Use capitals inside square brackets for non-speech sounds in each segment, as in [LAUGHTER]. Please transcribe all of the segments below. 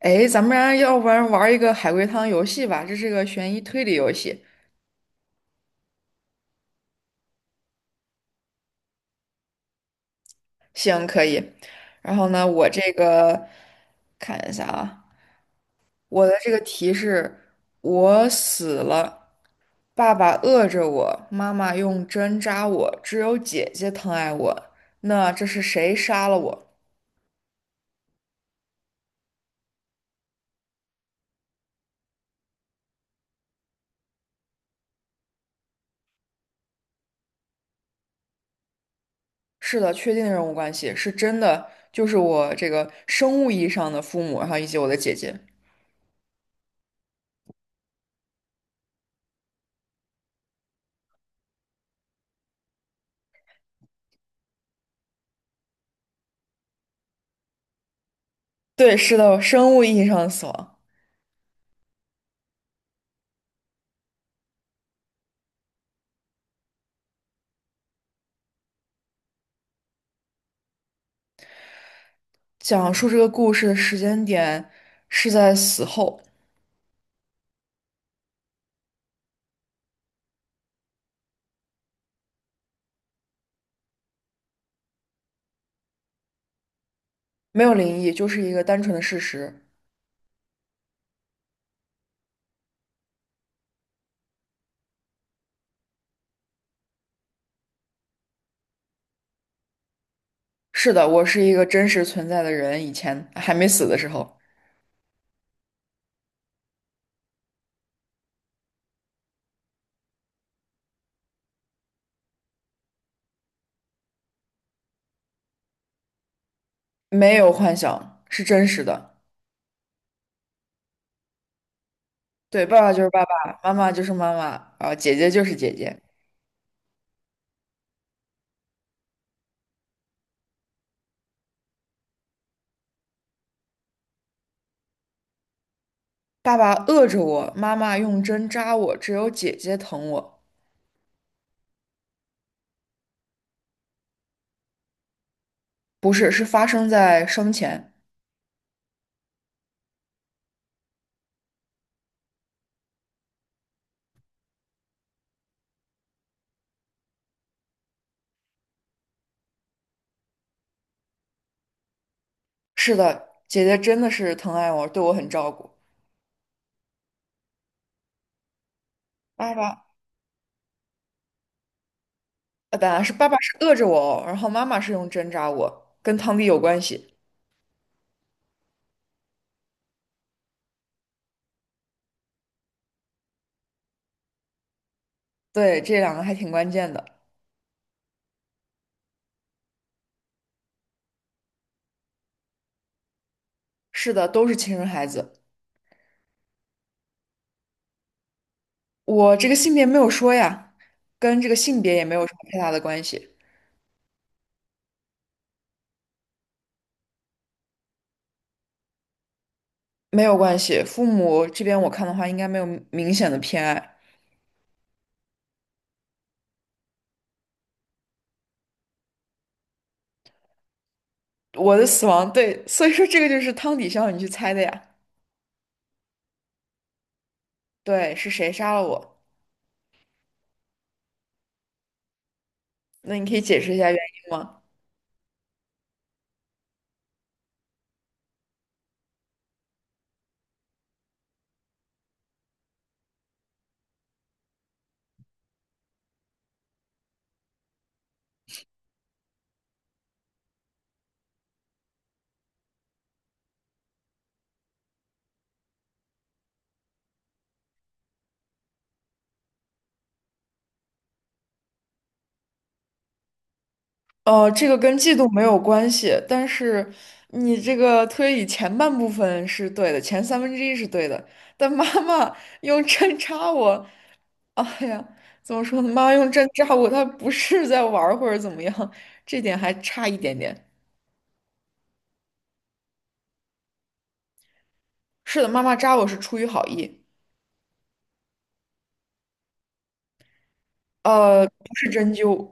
哎，咱们俩要不然玩一个海龟汤游戏吧，这是个悬疑推理游戏。行，可以。然后呢，我这个看一下啊，我的这个题是：我死了，爸爸饿着我，妈妈用针扎我，只有姐姐疼爱我。那这是谁杀了我？是的，确定人物关系是真的，就是我这个生物意义上的父母，然后以及我的姐姐。对，是的，生物意义上的死亡。讲述这个故事的时间点是在死后，没有灵异，就是一个单纯的事实。是的，我是一个真实存在的人，以前还没死的时候，没有幻想，是真实的。对，爸爸就是爸爸，妈妈就是妈妈，啊，姐姐就是姐姐。爸爸饿着我，妈妈用针扎我，只有姐姐疼我。不是，是发生在生前。是的，姐姐真的是疼爱我，对我很照顾。爸爸。啊，本来是爸爸是饿着我哦，然后妈妈是用针扎我，跟汤底有关系。对，这两个还挺关键的。是的，都是亲生孩子。我这个性别没有说呀，跟这个性别也没有什么太大的关系，没有关系。父母这边我看的话，应该没有明显的偏爱。我的死亡，对，所以说这个就是汤底需要你去猜的呀。对，是谁杀了我？那你可以解释一下原因吗？这个跟季度没有关系，但是你这个推理前半部分是对的，前三分之一是对的，但妈妈用针扎我，哎呀，怎么说呢？妈妈用针扎我，她不是在玩儿或者怎么样，这点还差一点点。是的，妈妈扎我是出于好意，不是针灸，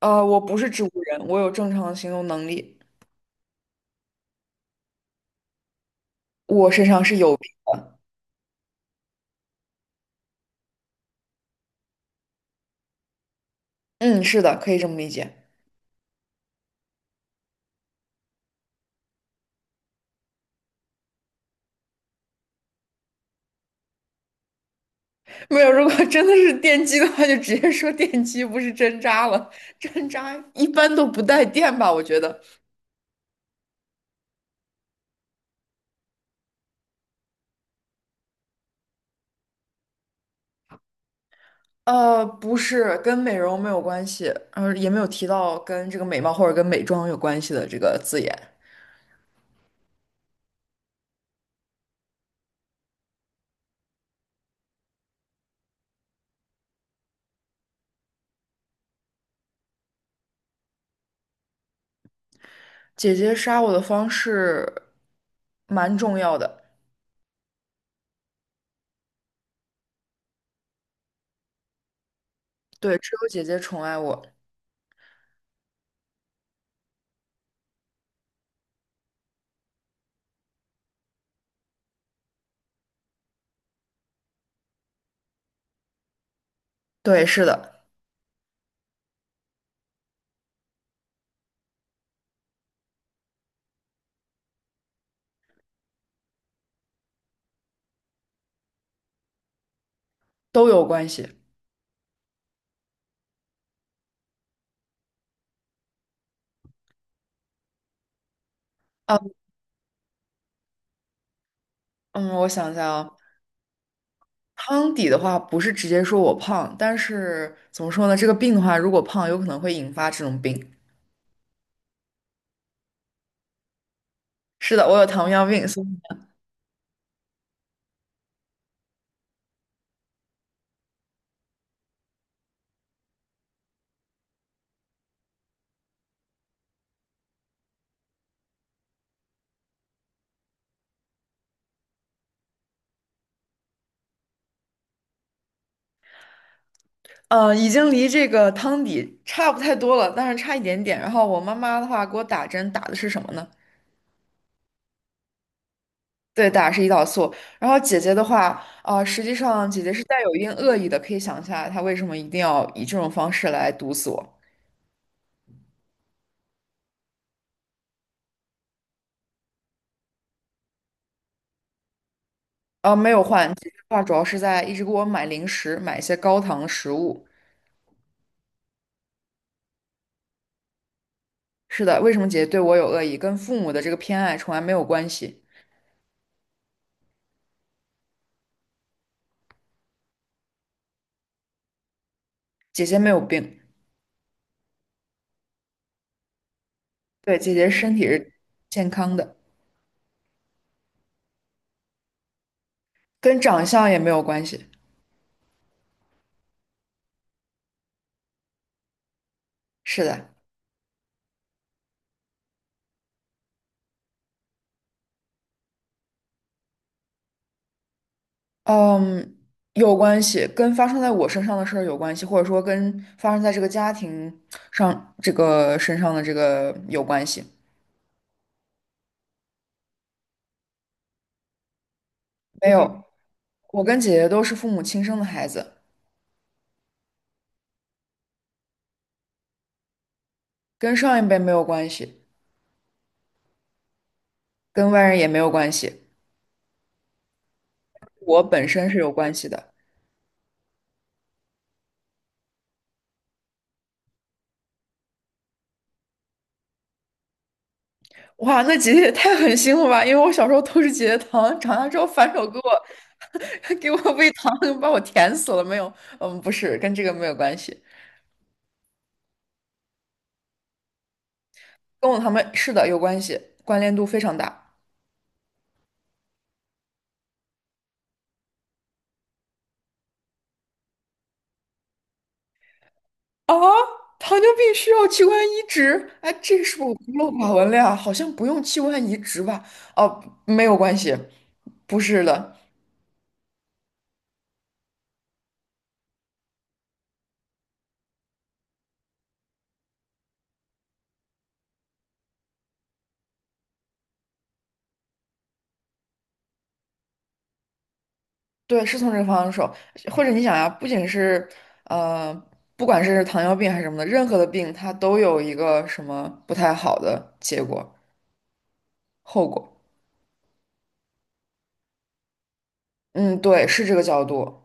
我不是植物人，我有正常的行动能力，我身上是有病。嗯，是的，可以这么理解。[LAUGHS] 没有，如果 [LAUGHS] 真的是电击的话，就直接说电击，不是针扎了。针扎一般都不带电吧？我觉得，不是，跟美容没有关系，也没有提到跟这个美貌或者跟美妆有关系的这个字眼。姐姐杀我的方式蛮重要的，对，只有姐姐宠爱我，对，是的，都有关系。啊，嗯，我想一下啊。胖底的话，不是直接说我胖，但是怎么说呢？这个病的话，如果胖，有可能会引发这种病。是的，我有糖尿病，所以已经离这个汤底差不太多了，但是差一点点。然后我妈妈的话给我打针，打的是什么呢？对，打的是胰岛素。然后姐姐的话，啊、实际上姐姐是带有一定恶意的，可以想一下来她为什么一定要以这种方式来毒死我。啊，没有换，姐姐的话主要是在一直给我买零食，买一些高糖的食物。是的，为什么姐姐对我有恶意，跟父母的这个偏爱从来没有关系。姐姐没有病，对，姐姐身体是健康的。跟长相也没有关系。是的，嗯，有关系，跟发生在我身上的事儿有关系，或者说跟发生在这个家庭上这个身上的这个有关系。没有，嗯我跟姐姐都是父母亲生的孩子，跟上一辈没有关系，跟外人也没有关系，我本身是有关系的。哇，那姐姐也太狠心了吧！因为我小时候偷吃姐姐糖，长大之后反手给我 [LAUGHS] 给我喂糖，把我甜死了。没有，嗯，不是，跟这个没有关系。跟我他们是的有关系，关联度非常大。啊，糖尿病需要器官移植？哎，这是不是我孤陋寡文了呀？好像不用器官移植吧？哦，没有关系，不是的，对，是从这个方向说。或者你想呀，不仅是呃，不管是糖尿病还是什么的，任何的病它都有一个什么不太好的结果后果。嗯，对，是这个角度。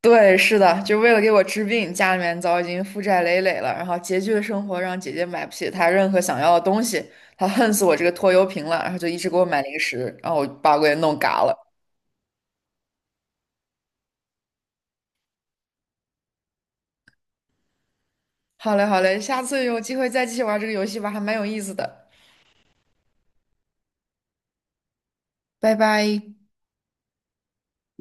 对，是的，就为了给我治病，家里面早已经负债累累了，然后拮据的生活让姐姐买不起她任何想要的东西，她恨死我这个拖油瓶了，然后就一直给我买零食，然后我把我给弄嘎了。好嘞，好嘞，下次有机会再继续玩这个游戏吧，还蛮有意思的，拜拜。